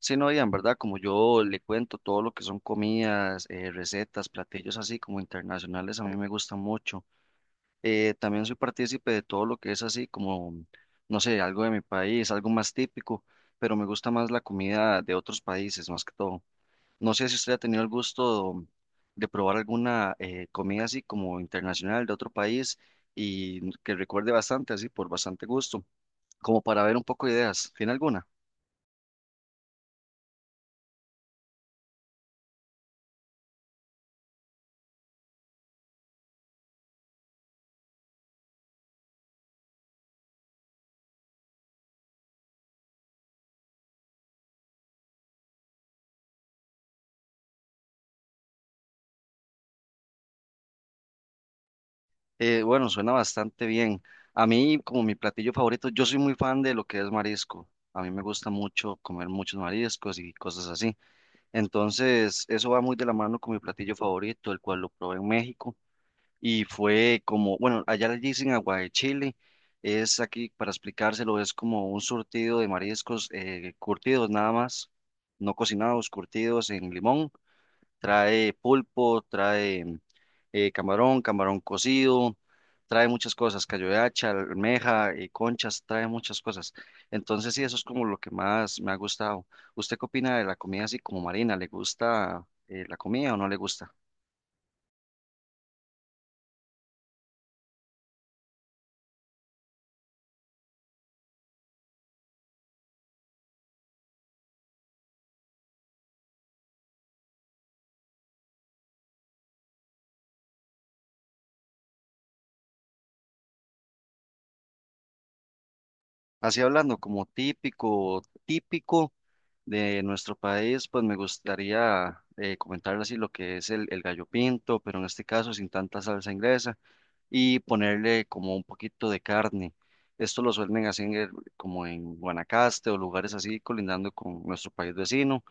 Sí, no, Ian, ¿verdad? Como yo le cuento todo lo que son comidas, recetas, platillos así como internacionales, a mí me gusta mucho. También soy partícipe de todo lo que es así como, no sé, algo de mi país, algo más típico, pero me gusta más la comida de otros países, más que todo. No sé si usted ha tenido el gusto de probar alguna comida así como internacional de otro país y que recuerde bastante, así por bastante gusto, como para ver un poco de ideas. ¿Tiene alguna? Bueno, suena bastante bien. A mí, como mi platillo favorito, yo soy muy fan de lo que es marisco. A mí me gusta mucho comer muchos mariscos y cosas así. Entonces, eso va muy de la mano con mi platillo favorito, el cual lo probé en México y fue como, bueno, allá le dicen agua de Chile. Es aquí, para explicárselo, es como un surtido de mariscos curtidos nada más, no cocinados, curtidos en limón. Trae pulpo, trae camarón, camarón cocido, trae muchas cosas, callo de hacha, almeja, conchas, trae muchas cosas. Entonces sí, eso es como lo que más me ha gustado. ¿Usted qué opina de la comida así como marina? ¿Le gusta la comida o no le gusta? Así hablando, como típico, típico de nuestro país, pues me gustaría comentarle así lo que es el gallo pinto, pero en este caso sin tanta salsa inglesa y ponerle como un poquito de carne. Esto lo suelen hacer como en Guanacaste o lugares así colindando con nuestro país vecino,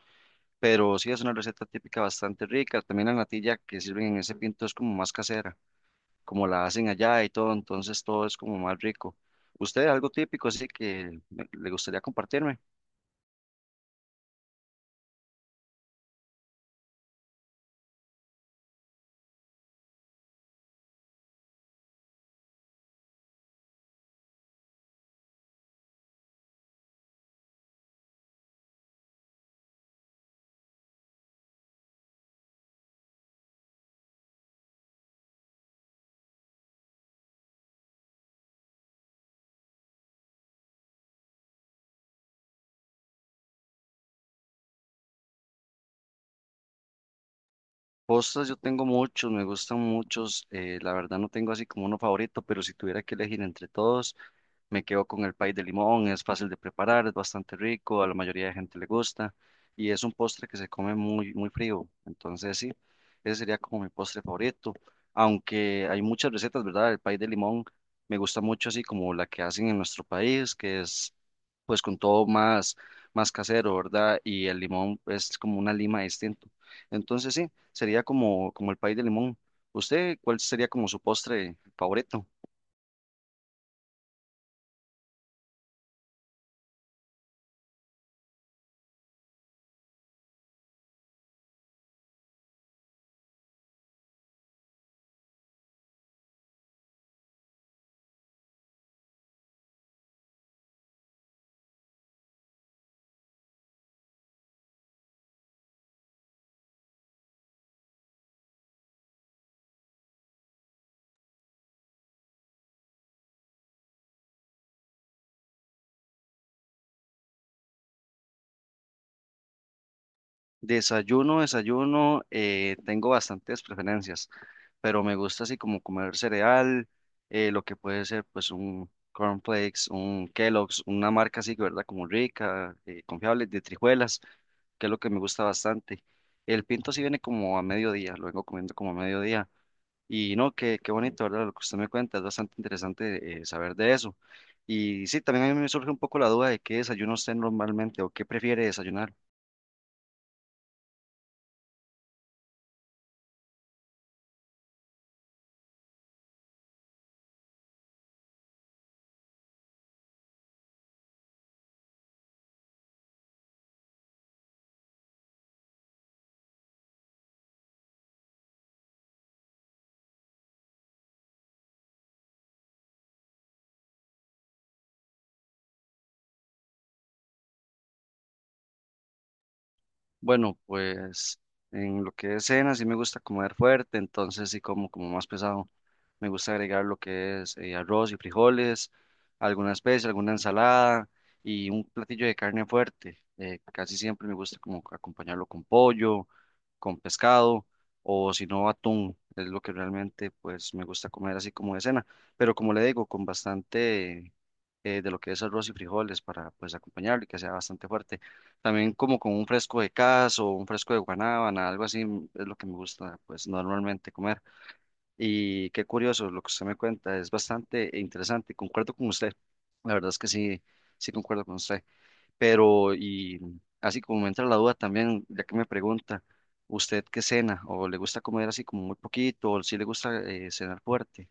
pero sí es una receta típica bastante rica. También la natilla que sirven en ese pinto es como más casera, como la hacen allá y todo, entonces todo es como más rico. ¿Usted algo típico así que le gustaría compartirme? Postres yo tengo muchos, me gustan muchos, la verdad no tengo así como uno favorito, pero si tuviera que elegir entre todos, me quedo con el pay de limón, es fácil de preparar, es bastante rico, a la mayoría de gente le gusta y es un postre que se come muy, muy frío. Entonces, sí, ese sería como mi postre favorito. Aunque hay muchas recetas, ¿verdad? El pay de limón me gusta mucho así como la que hacen en nuestro país, que es pues con todo más, más casero, ¿verdad? Y el limón es como una lima distinto. Entonces, sí, sería como, como el pay de limón. ¿Usted cuál sería como su postre favorito? Desayuno, tengo bastantes preferencias, pero me gusta así como comer cereal, lo que puede ser pues un cornflakes, un Kellogg's, una marca así, ¿verdad? Como rica, confiable, de trijuelas, que es lo que me gusta bastante. El pinto sí viene como a mediodía, lo vengo comiendo como a mediodía. Y no, qué, qué bonito, ¿verdad? Lo que usted me cuenta, es bastante interesante saber de eso. Y sí, también a mí me surge un poco la duda de qué desayuno usted normalmente o qué prefiere desayunar. Bueno, pues en lo que es cena sí me gusta comer fuerte, entonces sí como más pesado. Me gusta agregar lo que es arroz y frijoles, alguna especie, alguna ensalada y un platillo de carne fuerte. Casi siempre me gusta como acompañarlo con pollo, con pescado o si no atún. Es lo que realmente pues me gusta comer así como de cena. Pero como le digo, con bastante de lo que es arroz y frijoles para pues acompañarlo y que sea bastante fuerte. También como con un fresco de caso, un fresco de guanábana, algo así es lo que me gusta pues normalmente comer. Y qué curioso lo que usted me cuenta, es bastante interesante, concuerdo con usted, la verdad es que sí, sí concuerdo con usted, pero y así como me entra la duda también, ya que me pregunta, ¿usted qué cena? ¿O le gusta comer así como muy poquito? ¿O si le gusta cenar fuerte?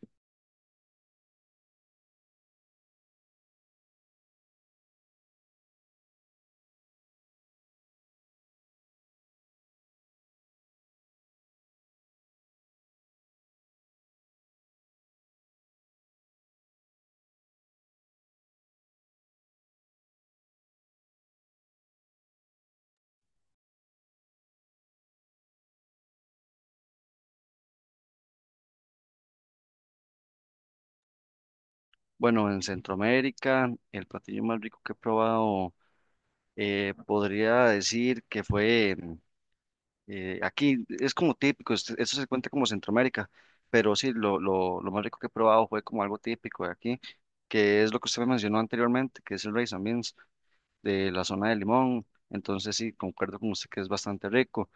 Bueno, en Centroamérica, el platillo más rico que he probado, podría decir que fue. Aquí es como típico, eso se cuenta como Centroamérica, pero sí, lo más rico que he probado fue como algo típico de aquí, que es lo que usted me mencionó anteriormente, que es el rice and beans de la zona de Limón. Entonces sí, concuerdo con usted que es bastante rico.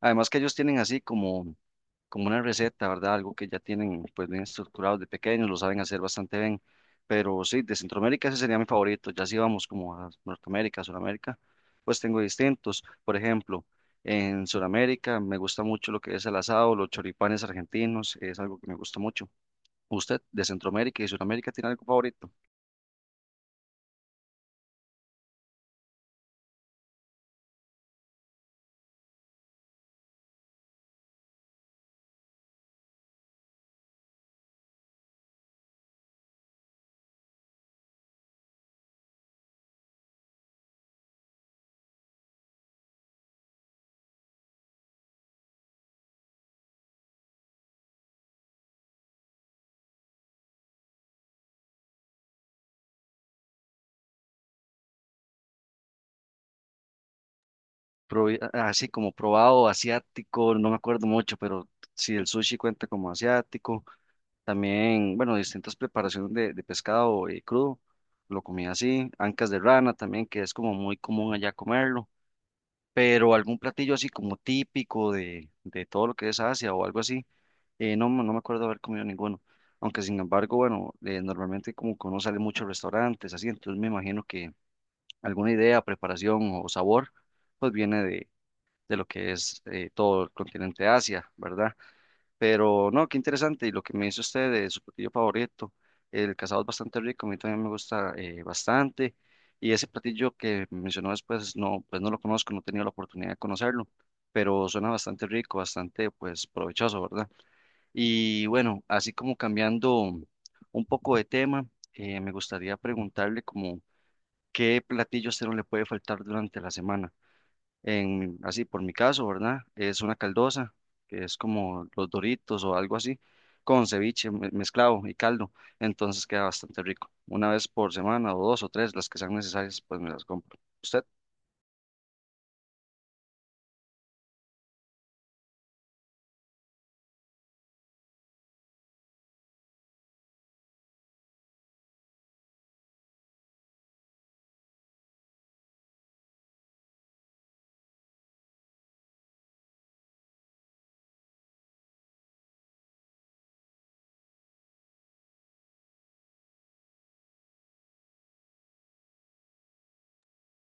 Además que ellos tienen así como, como una receta, ¿verdad? Algo que ya tienen pues bien estructurado de pequeños, lo saben hacer bastante bien. Pero sí, de Centroamérica ese sería mi favorito. Ya si vamos como a Norteamérica, Sudamérica, pues tengo distintos. Por ejemplo, en Sudamérica me gusta mucho lo que es el asado, los choripanes argentinos, es algo que me gusta mucho. ¿Usted de Centroamérica y Sudamérica tiene algo favorito? Así como probado asiático, no me acuerdo mucho, pero si el sushi cuenta como asiático. También, bueno, distintas preparaciones de pescado crudo, lo comía así, ancas de rana también, que es como muy común allá comerlo, pero algún platillo así como típico de todo lo que es Asia o algo así, no, no me acuerdo haber comido ninguno, aunque sin embargo, bueno, normalmente como que uno sale mucho a restaurantes, así, entonces me imagino que alguna idea, preparación o sabor, pues viene de lo que es todo el continente Asia, ¿verdad? Pero no, qué interesante. Y lo que me dice usted de su platillo favorito, el casado es bastante rico, a mí también me gusta bastante. Y ese platillo que mencionó después, no, pues no lo conozco, no he tenido la oportunidad de conocerlo, pero suena bastante rico, bastante pues provechoso, ¿verdad? Y bueno, así como cambiando un poco de tema, me gustaría preguntarle como qué platillo a usted no le puede faltar durante la semana en, así por mi caso, ¿verdad? Es una caldosa, que es como los Doritos o algo así, con ceviche mezclado y caldo, entonces queda bastante rico. Una vez por semana o dos o tres, las que sean necesarias, pues me las compro. ¿Usted?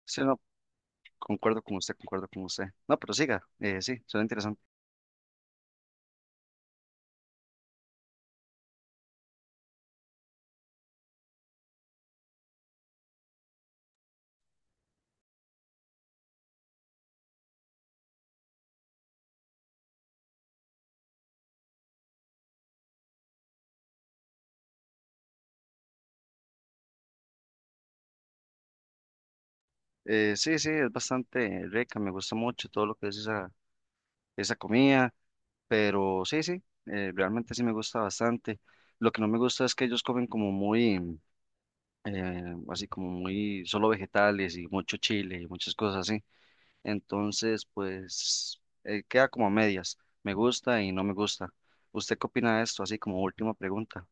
Sí, no, concuerdo con usted, concuerdo con usted. No, pero siga, sí, suena interesante. Sí, sí, es bastante rica, me gusta mucho todo lo que es esa, esa comida, pero sí, sí, realmente sí me gusta bastante. Lo que no me gusta es que ellos comen como muy eh, así como muy solo vegetales y mucho chile y muchas cosas así. Entonces, pues queda como a medias. Me gusta y no me gusta. ¿Usted qué opina de esto? Así como última pregunta.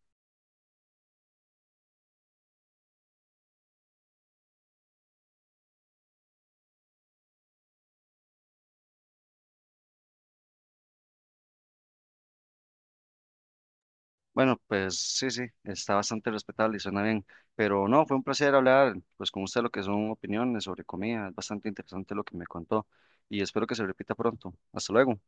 Bueno, pues sí, sí, está bastante respetable y suena bien, pero no, fue un placer hablar pues con usted lo que son opiniones sobre comida, es bastante interesante lo que me contó y espero que se repita pronto. Hasta luego.